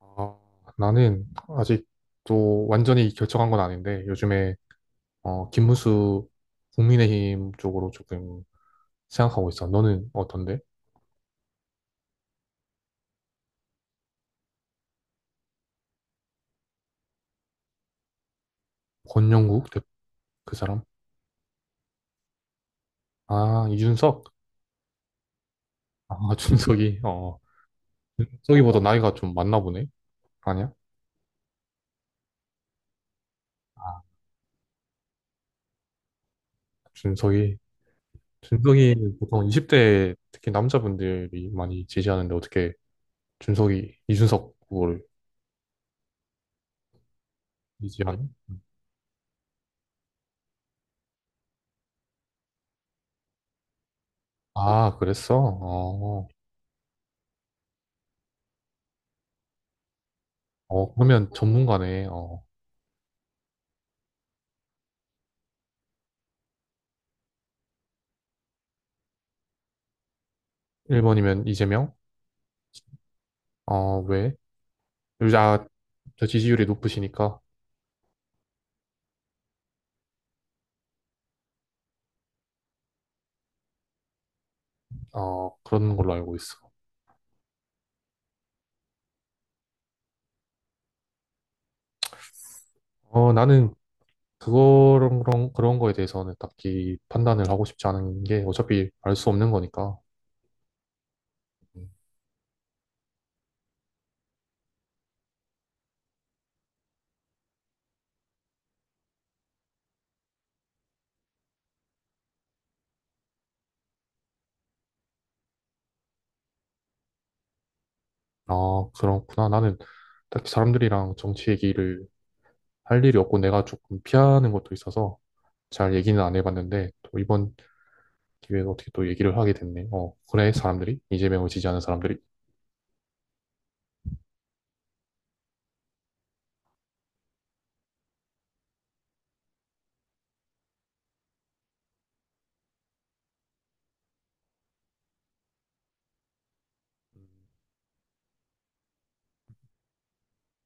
아, 나는 아직도 완전히 결정한 건 아닌데 요즘에 김문수 국민의힘 쪽으로 조금 생각하고 있어. 너는 어떤데? 권영국 대- 그 사람? 아 이준석? 아 준석이 어 준석이보다 나이가 좀 많나 보네. 아니야? 아 준석이 준석이 보통 20대 특히 남자분들이 많이 지지하는데 어떻게 준석이 이준석 후보를 지지하니? 음. 아 그랬어? 어, 어 그러면 전문가네. 어. 1번이면 이재명? 어, 왜? 요즘, 아, 저 지지율이 높으시니까, 어, 그런 걸로 알고 있어. 어, 나는 그런 거에 대해서는 딱히 판단을 하고 싶지 않은 게 어차피 알 수 없는 거니까. 음. 아, 그렇구나. 나는 딱히 사람들이랑 정치 얘기를 할 일이 없고 내가 조금 피하는 것도 있어서 잘 얘기는 안 해봤는데 또 이번 기회에 어떻게 또 얘기를 하게 됐네. 어, 그래, 사람들이? 이재명을 지지하는 사람들이?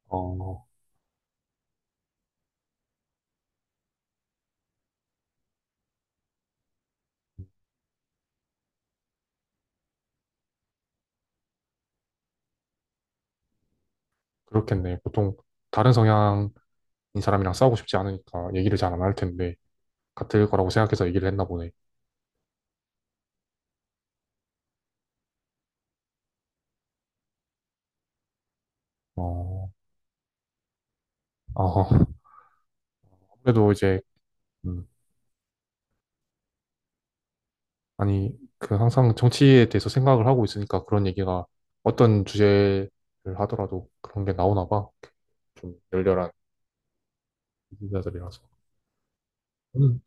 어, 그렇겠네. 보통 다른 성향 이 사람이랑 싸우고 싶지 않으니까 얘기를 잘 안 할 텐데 같을 거라고 생각해서 얘기를 했나 보네. 어, 아, 아무래도 이제 음, 아니 그 항상 정치에 대해서 생각을 하고 있으니까 그런 얘기가 어떤 주제를 하더라도 그런 게 나오나 봐. 좀 열렬한 인사들이라서 저는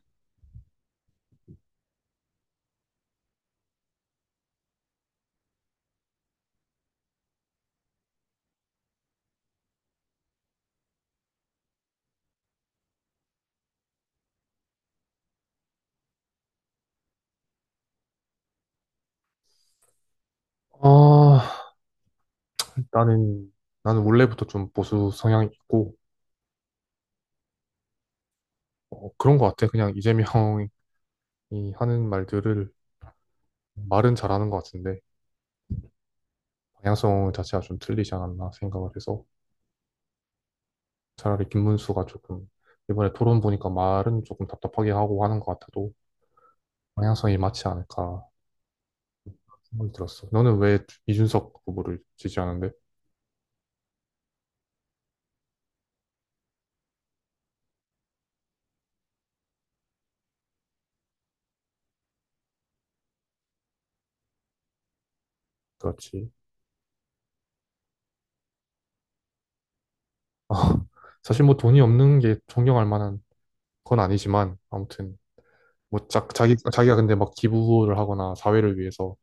아, 나는 나는 원래부터 좀 보수 성향이 있고 그런 것 같아. 그냥 이재명이 하는 말들을 말은 잘하는 것 같은데 방향성 자체가 좀 틀리지 않았나 생각을 해서 차라리 김문수가 조금 이번에 토론 보니까 말은 조금 답답하게 하고 하는 것 같아도 방향성이 맞지 않을까 생각이 들었어. 너는 왜 이준석 후보를 지지하는데? 그렇지. 사실 뭐 돈이 없는 게 존경할 만한 건 아니지만 아무튼 뭐 자, 자기 자기가 근데 막 기부를 하거나 사회를 위해서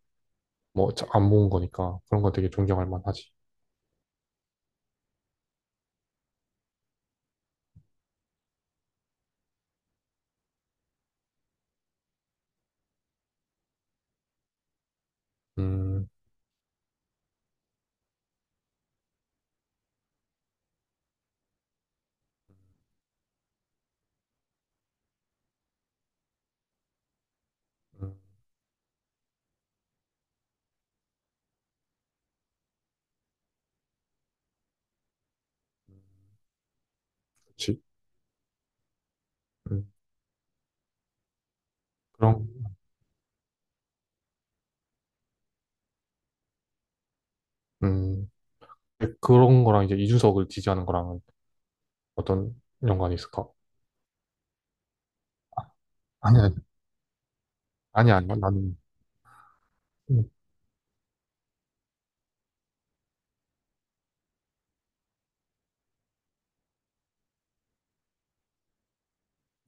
뭐 안 모은 거니까 그런 건 되게 존경할 만하지. 음, 음 그렇지. 음, 그런 음 그런 거랑 이제 이준석을 지지하는 거랑은 어떤 연관이 있을까? 아니, 아니, 아니, 나는, 음,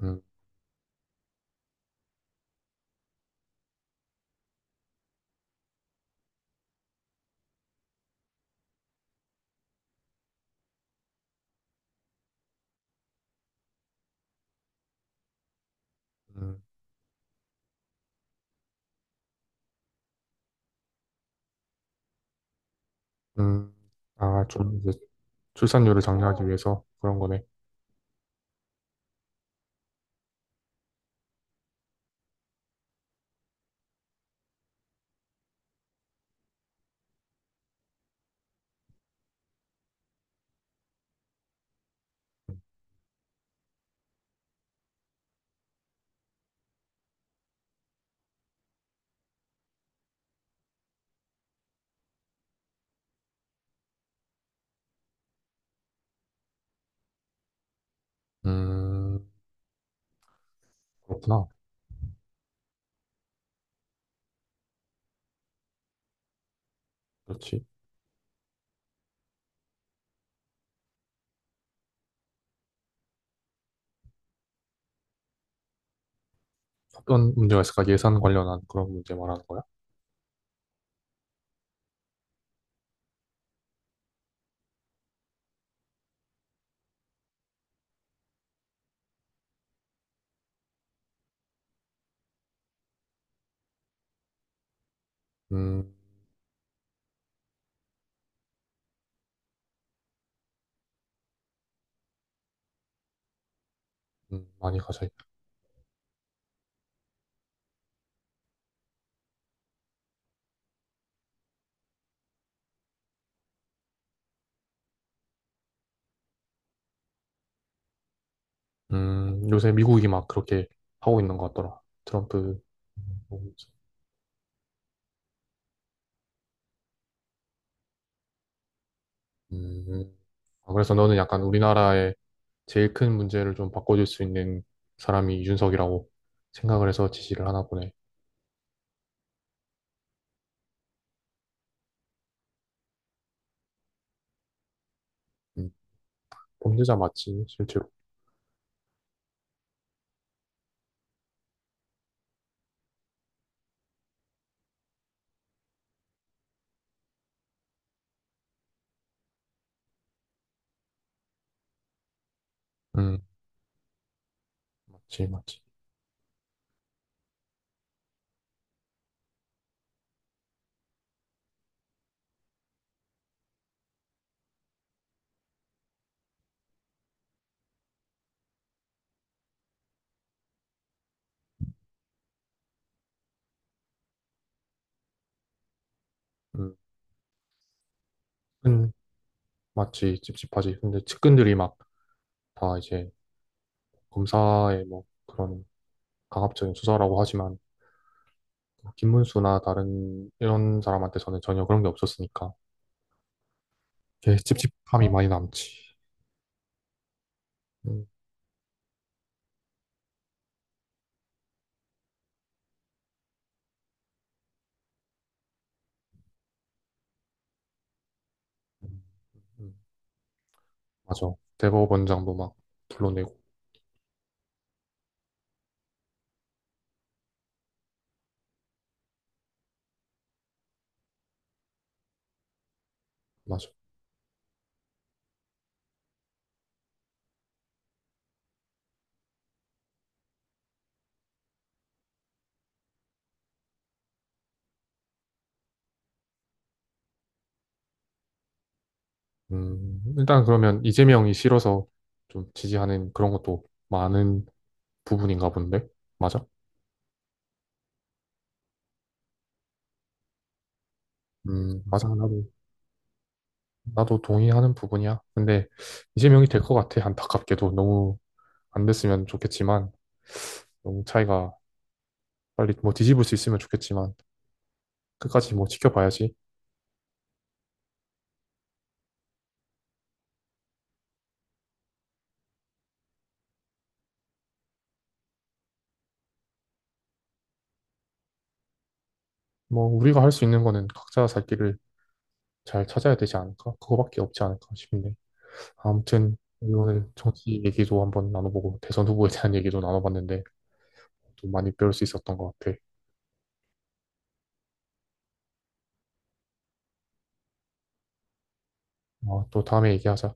음, 음, 음. 아, 좀 이제 출산율을 장려하기 위해서 그런 거네. 음, 그렇구나. 그렇지. 어떤 문제가 있을까? 예산 관련한 그런 문제 말하는 거야? 음, 많이 가져. 요새 미국이 막 그렇게 하고 있는 것 같더라. 트럼프. 음, 아, 그래서 너는 약간 우리나라의 제일 큰 문제를 좀 바꿔줄 수 있는 사람이 이준석이라고 생각을 해서 지시를 하나 보네. 음, 범죄자 맞지, 실제로. 음, 맞지, 맞지. 음, 근, 맞지, 찝찝하지. 근데 측근들이 막 다 이제 검사의 뭐 그런 강압적인 수사라고 하지만 뭐 김문수나 다른 이런 사람한테서는 전혀 그런 게 없었으니까 되게 찝찝함이 많이 남지. 음, 음, 음. 맞아. 대법원장도 막 불러내고, 맞아. 일단 그러면 이재명이 싫어서 좀 지지하는 그런 것도 많은 부분인가 본데? 맞아? 맞아. 나도 동의하는 부분이야. 근데 이재명이 될 것 같아. 안타깝게도 너무 안 됐으면 좋겠지만 너무 차이가 빨리 뭐 뒤집을 수 있으면 좋겠지만 끝까지 뭐 지켜봐야지. 뭐 우리가 할 수 있는 거는 각자 살 길을 잘 찾아야 되지 않을까? 그거밖에 없지 않을까 싶네. 아무튼 오늘 정치 얘기도 한번 나눠보고 대선 후보에 대한 얘기도 나눠봤는데 또 많이 배울 수 있었던 것 같아. 어, 또 다음에 얘기하자.